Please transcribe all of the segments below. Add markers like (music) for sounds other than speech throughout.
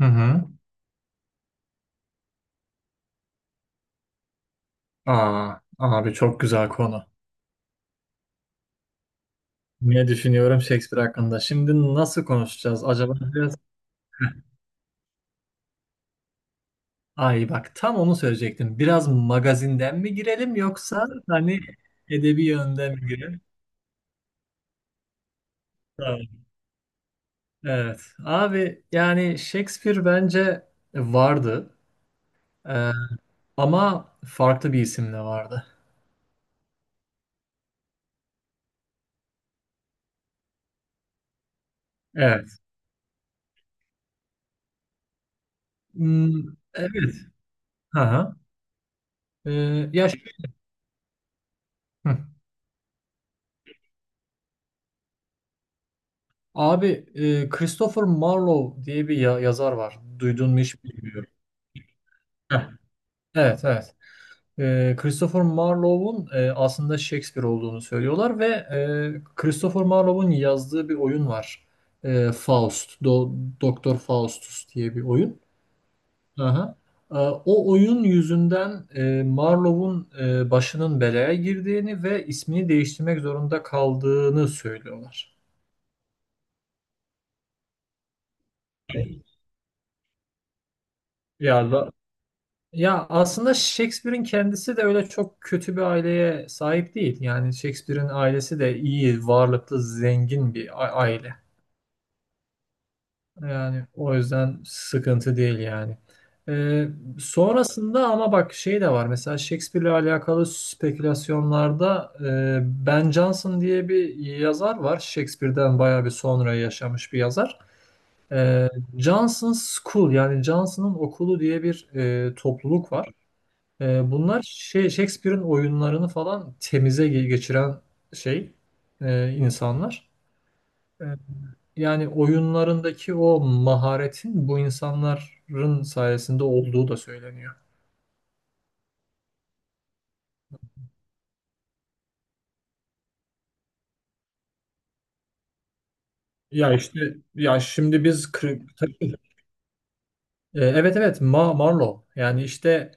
Hı hı. Aa, abi çok güzel konu. Ne düşünüyorum Shakespeare hakkında? Şimdi nasıl konuşacağız acaba? Biraz. Ay bak, tam onu söyleyecektim. Biraz magazinden mi girelim yoksa hani edebi yönden mi girelim? Tamam. Evet. Abi yani Shakespeare bence vardı. Ee, ama farklı bir isimle vardı. Evet. Hmm, evet. Hı hı. Ee, Ya. Hı. Abi, Christopher Marlowe diye bir yazar var. Duydun mu hiç bilmiyorum. Heh, evet evet. Christopher Marlowe'un aslında Shakespeare olduğunu söylüyorlar ve Christopher Marlowe'un yazdığı bir oyun var. Faust, Doktor Faustus diye bir oyun. Aha. E, o oyun yüzünden Marlowe'un başının belaya girdiğini ve ismini değiştirmek zorunda kaldığını söylüyorlar. Yani. Ya aslında Shakespeare'in kendisi de öyle çok kötü bir aileye sahip değil. Yani Shakespeare'in ailesi de iyi, varlıklı, zengin bir aile. Yani o yüzden sıkıntı değil yani. Ee, sonrasında ama bak şey de var. Mesela Shakespeare'le alakalı spekülasyonlarda Ben Jonson diye bir yazar var. Shakespeare'den bayağı bir sonra yaşamış bir yazar. Ee, Johnson's School, yani Johnson'ın okulu diye bir topluluk var. Bunlar şey Shakespeare'in oyunlarını falan temize geçiren şey insanlar. Ee, yani oyunlarındaki o maharetin bu insanların sayesinde olduğu da söyleniyor. Ya işte, ya şimdi biz tabii. Evet evet, Marlowe. Yani işte,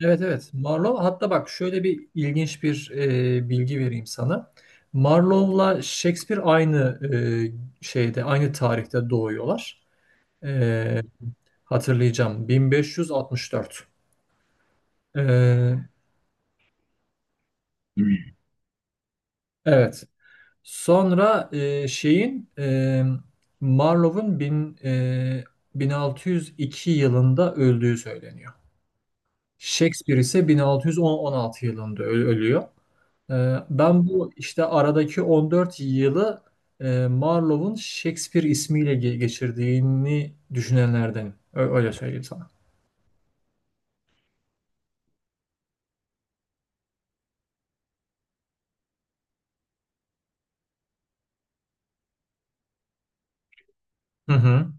evet evet Marlowe. Hatta bak, şöyle bir ilginç bir bilgi vereyim sana. Marlowe'la Shakespeare aynı e, şeyde aynı tarihte doğuyorlar. Ee, Hatırlayacağım. 1564. Ee, evet. Sonra Marlowe'un 1602 yılında öldüğü söyleniyor. Shakespeare ise 1616 yılında ölüyor. Ben bu işte aradaki 14 yılı Marlowe'un Shakespeare ismiyle geçirdiğini düşünenlerdenim. Öyle söyleyeyim sana. Hı hı.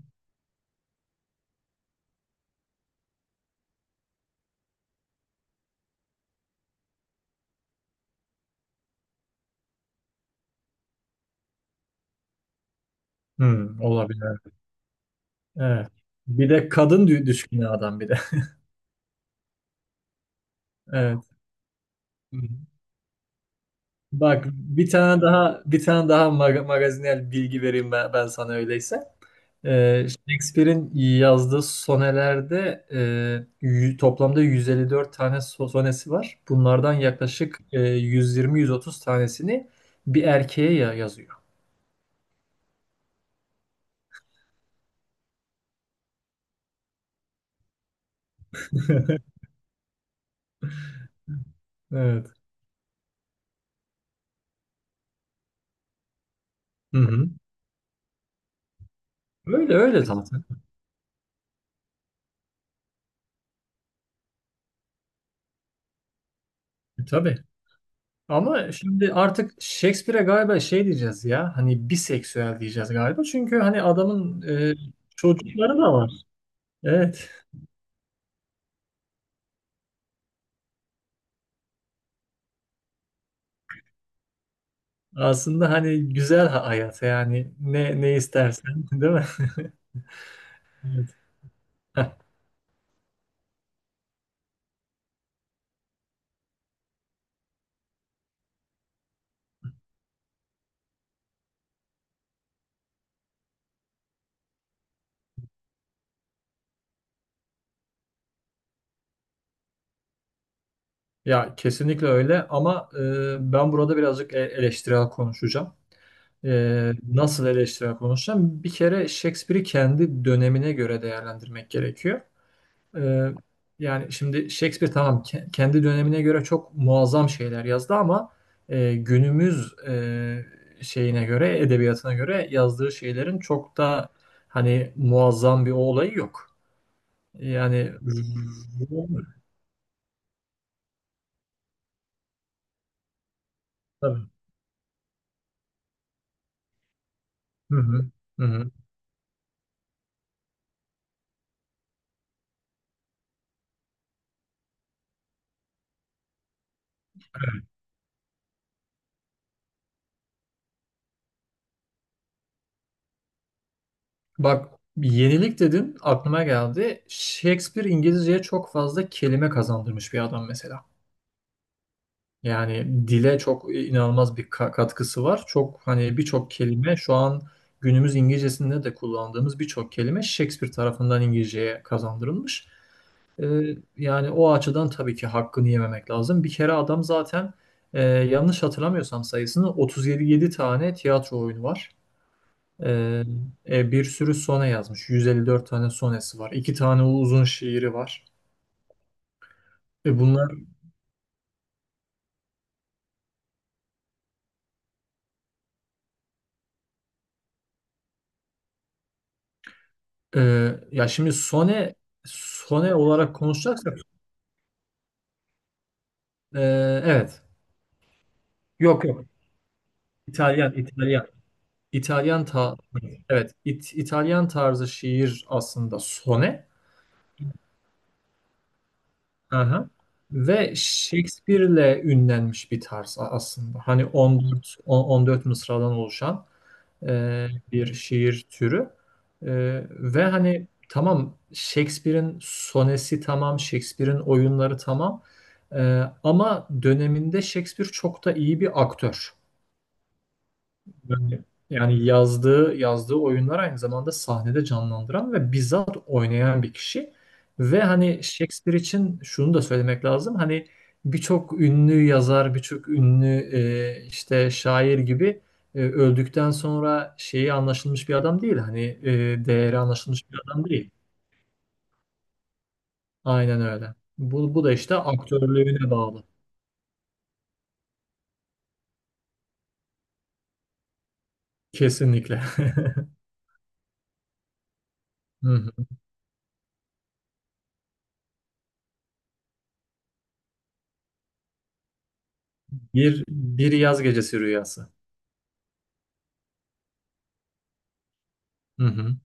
Hı, olabilir. Evet. Bir de kadın düşkünü adam bir de. Evet. Hı hı. Bak, bir tane daha magazinel bilgi vereyim ben, ben sana öyleyse. Shakespeare'in yazdığı sonelerde toplamda 154 tane sonesi var. Bunlardan yaklaşık 120-130 tanesini bir erkeğe yazıyor. (laughs) Evet. Hı hı. Öyle öyle zaten. Tabii Ama şimdi artık Shakespeare'e galiba şey diyeceğiz ya, hani biseksüel diyeceğiz galiba. Çünkü hani adamın çocukları da. Evet. Aslında hani güzel hayat yani, ne istersen, (laughs) değil mi? (laughs) Evet. Heh. Ya kesinlikle öyle ama ben burada birazcık eleştirel konuşacağım. Nasıl eleştirel konuşacağım? Bir kere Shakespeare'i kendi dönemine göre değerlendirmek gerekiyor. Ee, yani şimdi Shakespeare tamam, kendi dönemine göre çok muazzam şeyler yazdı ama günümüz edebiyatına göre yazdığı şeylerin çok da hani muazzam bir olayı yok. Yani tabii. Hı hı. Hı hı. Bak, yenilik dedin aklıma geldi. Shakespeare İngilizceye çok fazla kelime kazandırmış bir adam mesela. Yani dile çok inanılmaz bir katkısı var. Çok hani birçok kelime şu an günümüz İngilizcesinde de kullandığımız birçok kelime Shakespeare tarafından İngilizceye kazandırılmış. Ee, yani o açıdan tabii ki hakkını yememek lazım. Bir kere adam zaten yanlış hatırlamıyorsam sayısını 37 tane tiyatro oyunu var. Ee, bir sürü sone yazmış. 154 tane sonesi var. İki tane uzun şiiri var. E bunlar e, ya şimdi sone olarak konuşacaksak, evet. Yok yok. İtalyan, İtalyan. İtalyan evet, İtalyan tarzı şiir aslında sone. Aha. Ve Shakespeare'le ünlenmiş bir tarz aslında. Hani 14 mısradan oluşan bir şiir türü. E, ve hani tamam, Shakespeare'in sonesi tamam, Shakespeare'in oyunları tamam. Ama döneminde Shakespeare çok da iyi bir aktör. Yani yani yazdığı oyunlar aynı zamanda sahnede canlandıran ve bizzat oynayan bir kişi. Ve hani Shakespeare için şunu da söylemek lazım. Hani birçok ünlü yazar, birçok ünlü işte şair gibi öldükten sonra şeyi anlaşılmış bir adam değil. Hani değeri anlaşılmış bir adam değil. Aynen öyle. Bu da işte aktörlüğüne bağlı. Kesinlikle. (laughs) Hı hı. Bir yaz gecesi rüyası. Hı hı.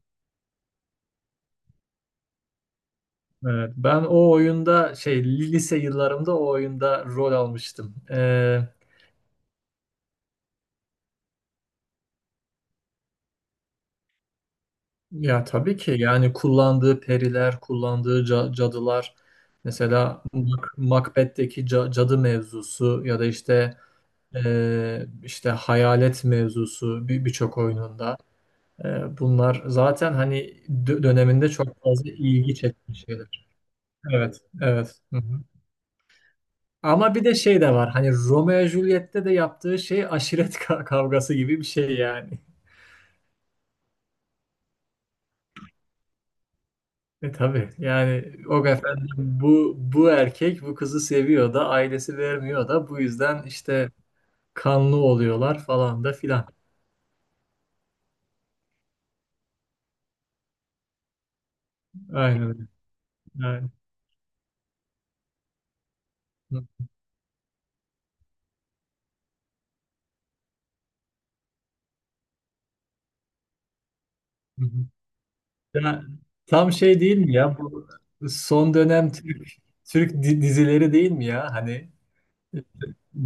Evet, ben o oyunda lise yıllarımda o oyunda rol almıştım. Ya tabii ki yani kullandığı periler, kullandığı cadılar, mesela Macbeth'teki cadı mevzusu ya da işte işte hayalet mevzusu birçok oyununda. Bunlar zaten hani döneminde çok fazla ilgi çekmiş şeyler. Evet, evet. Hı hı. Ama bir de şey de var. Hani Romeo ve Juliet'te de yaptığı şey aşiret kavgası gibi bir şey yani. Tabii yani o efendim, bu erkek bu kızı seviyor da ailesi vermiyor da bu yüzden işte kanlı oluyorlar falan da filan. Aynen öyle. Aynen. Hı hı. Ya, tam şey değil mi ya, bu son dönem Türk dizileri değil mi ya, hani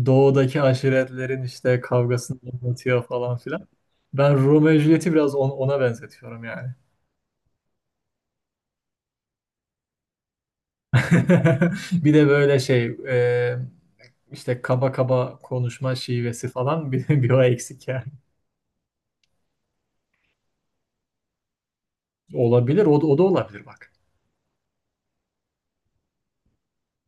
doğudaki aşiretlerin işte kavgasını anlatıyor falan filan. Ben Romeo ve Juliet'i biraz ona benzetiyorum yani. (laughs) Bir de böyle şey işte kaba kaba konuşma şivesi falan, (laughs) bir o eksik yani. Olabilir, o da olabilir bak.